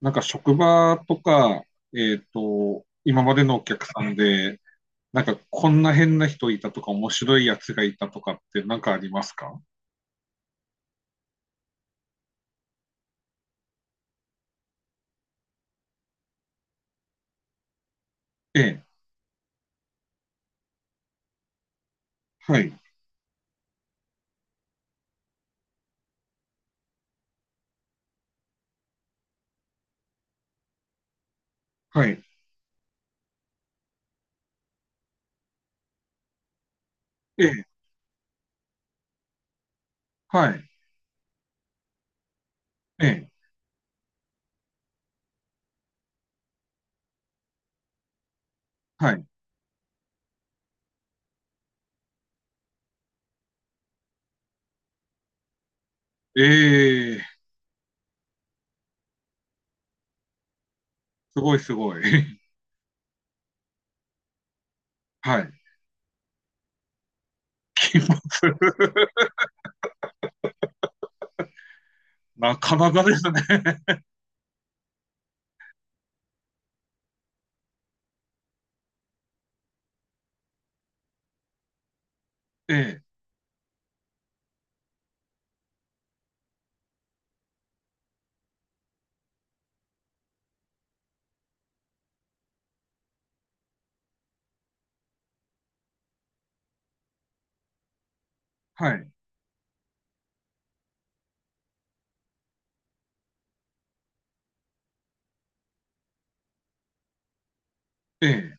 なんか職場とか、今までのお客さんで、なんかこんな変な人いたとか、面白いやつがいたとかってなんかありますか？ええ、はい、はい、ええ、はい、ええ、はい。ええ、すごいすごい。はい、金髪。なかなかですね。ええ、はい、ええ、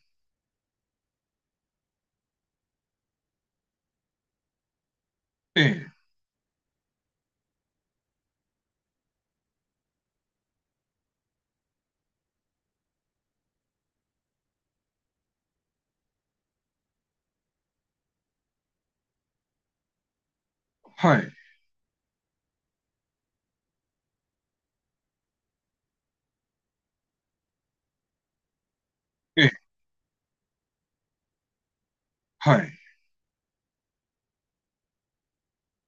ええ、はい、ええ、はい、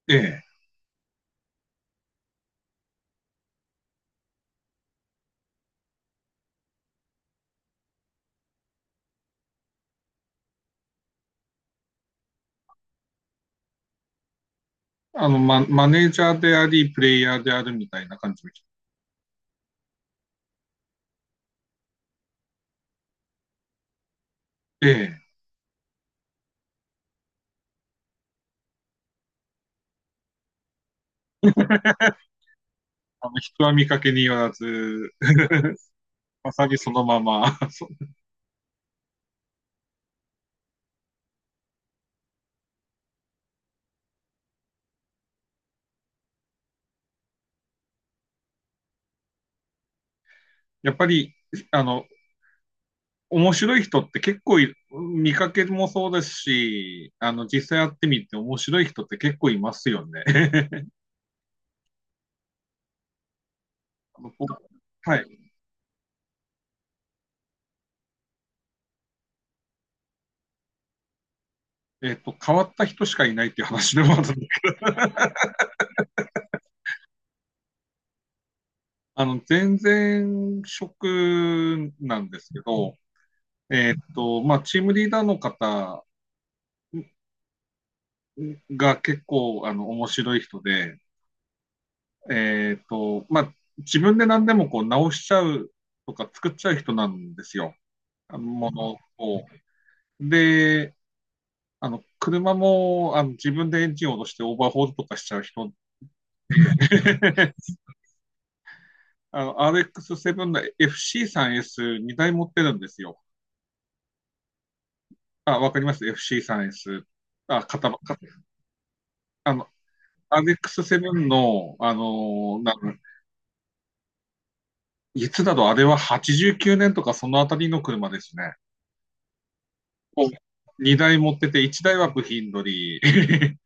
ええ。マネージャーであり、プレイヤーであるみたいな感じの人。ええ、人は見かけによらず。 まさにそのまま。やっぱり、あの、面白い人って結構見かけもそうですし、実際やってみて面白い人って結構いますよね。あのこうはい。変わった人しかいないっていう話でもあるんで、全然職なんですけど、まあ、チームリーダーの方が結構、面白い人で、まあ、自分で何でもこう直しちゃうとか作っちゃう人なんですよ。あのものを。で、車も自分でエンジンを落としてオーバーホールとかしちゃう人。RX7 の FC3S2 台持ってるんですよ。あ、わかります？ FC3S。あ、型ば、かあの、RX7 の、いつだろう、あれは89年とかそのあたりの車ですね。を2台持ってて、1台は部品取り、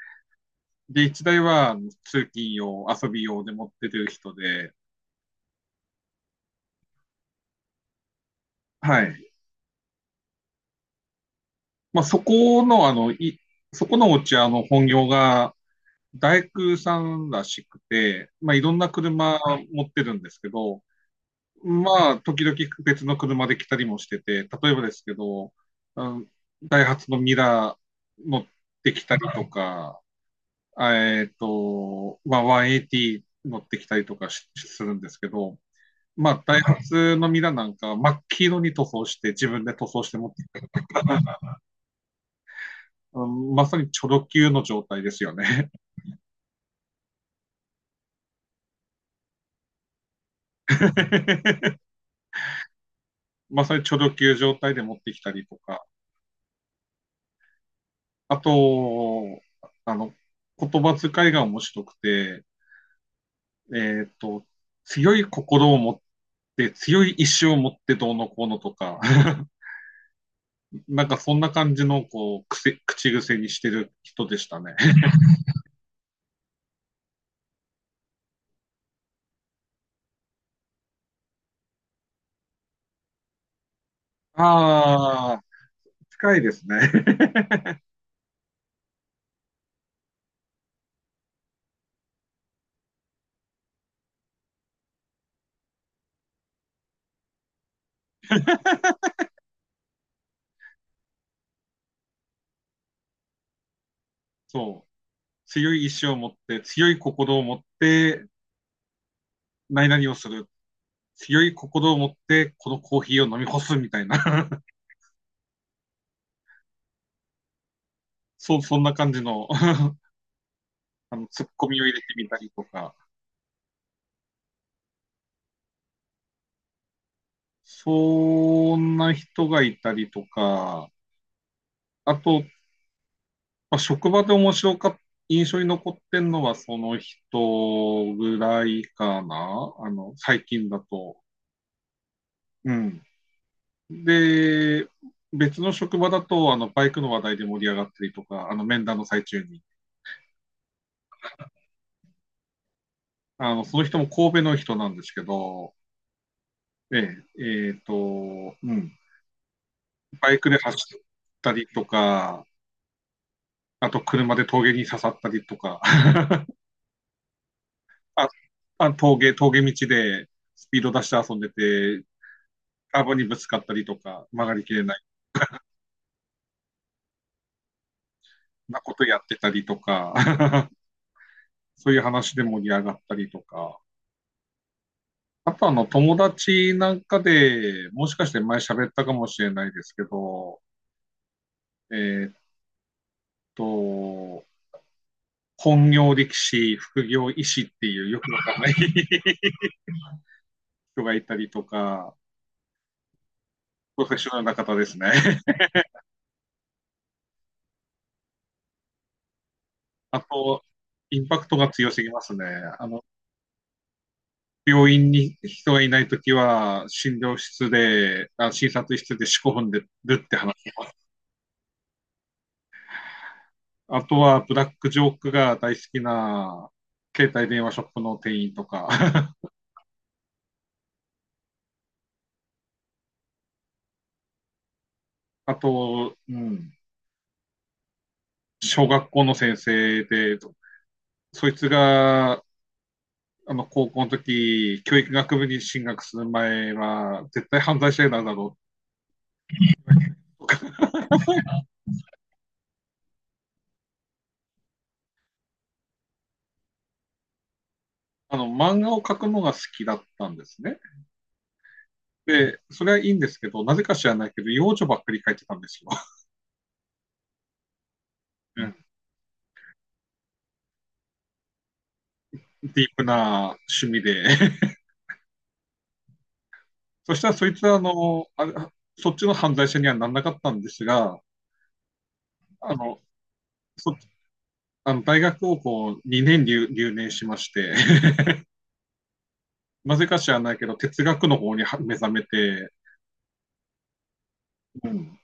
で、1台は通勤用、遊び用で持ってる人で、はい。まあ、そこの、そこのお茶の本業が大工さんらしくて、まあ、いろんな車持ってるんですけど、まあ、時々別の車で来たりもしてて、例えばですけど、うん、ダイハツのミラー乗ってきたりとか、まあ、180乗ってきたりとかするんですけど、まあ、ダイハツのミラなんか真っ黄色に塗装して自分で塗装して持って、うん。まさにチョロ Q の状態ですよね。まさにチョロ Q 状態で持ってきたりとか、あと、あの、言葉遣いが面白くて、えっと、強い心を持って、で強い意志を持ってどうのこうのとか、なんかそんな感じのこう口癖にしてる人でしたね。ああ、近いですね。そう。強い意志を持って、強い心を持って、何々をする。強い心を持って、このコーヒーを飲み干すみたいな。そう、そんな感じの ツッコミを入れてみたりとか。そんな人がいたりとか。あと、まあ、職場で面白かった。印象に残ってんのはその人ぐらいかな、最近だと。うん。で、別の職場だと、バイクの話題で盛り上がったりとか、面談の最中に。その人も神戸の人なんですけど、ええ、うん、バイクで走ったりとか、あと車で峠に刺さったりとか、あ、あ、峠道でスピード出して遊んでて、カーブにぶつかったりとか、曲がりきれないなことやってたりとか、そういう話で盛り上がったりとか、あと、友達なんかで、もしかして前喋ったかもしれないですけど、えーっと、本業力士、副業医師っていうよくわかんない 人がいたりとか、プロフェッショナルな方ですね。あと、インパクトが強すぎますね。あの、病院に人がいないときは、診療室で、あ、診察室で四股踏んでるって話。あとは、ブラックジョークが大好きな、携帯電話ショップの店員とか、あと、うん。小学校の先生で、そいつが、高校の時、教育学部に進学する前は、絶対犯罪者になるだろうとか、 漫画を描くのが好きだったんですね。で、それはいいんですけど、なぜか知らないけど、幼女ばっかり描いてたんですよ。 ディープな趣味で。 そしたら、そいつは、あの、あれ、そっちの犯罪者にはならなかったんですが、あの、そ、あの大学をこう2年留年しまして、 なぜか知らないけど、哲学の方に目覚めて、うん、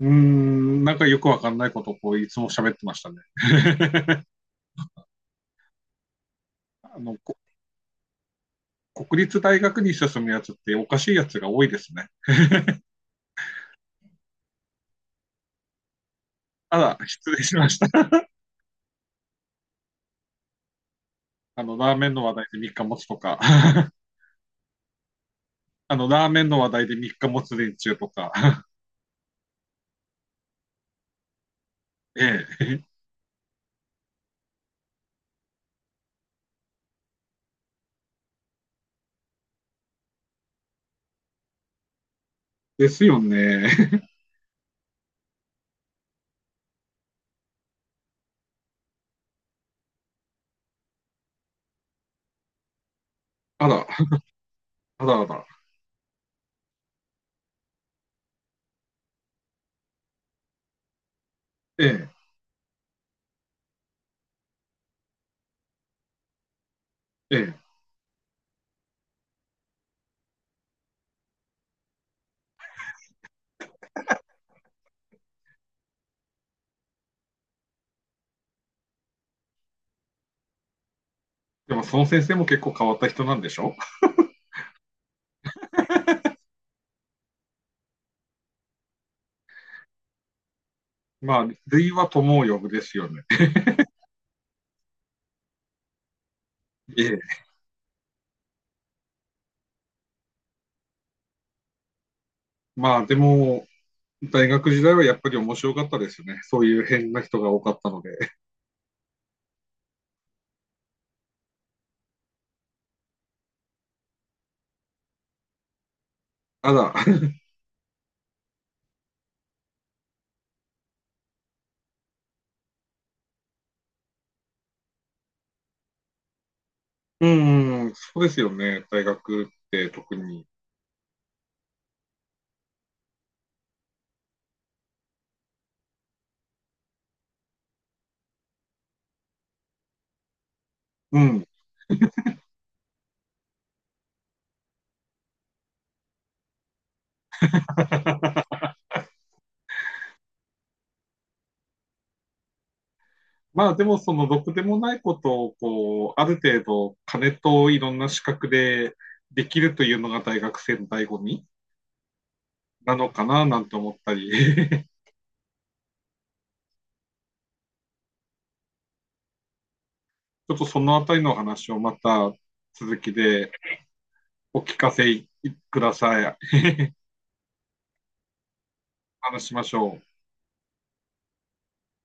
うーん、なんかよくわかんないことをこういつも喋ってましたね。あの、こ国立大学に進むやつっておかしいやつが多いですね。あら、失礼しました。ラーメンの話題で3日持つとか、ラーメンの話題で3日持つ連中とか、ええ、ですよね。あら、あらあら、ええ、ええ。でも、その先生も結構変わった人なんでしょ？ まあ、類は友を呼ぶですよね。ええ。まあ、でも、大学時代はやっぱり面白かったですよね。そういう変な人が多かったので。ただ、うん、そうですよね。大学って特に。うん。まあでもそのろくでもないことをこう、ある程度金といろんな資格でできるというのが大学生の醍醐味なのかななんて思ったり、ちょっとそのあたりの話をまた続きでお聞かせください。話しましょう。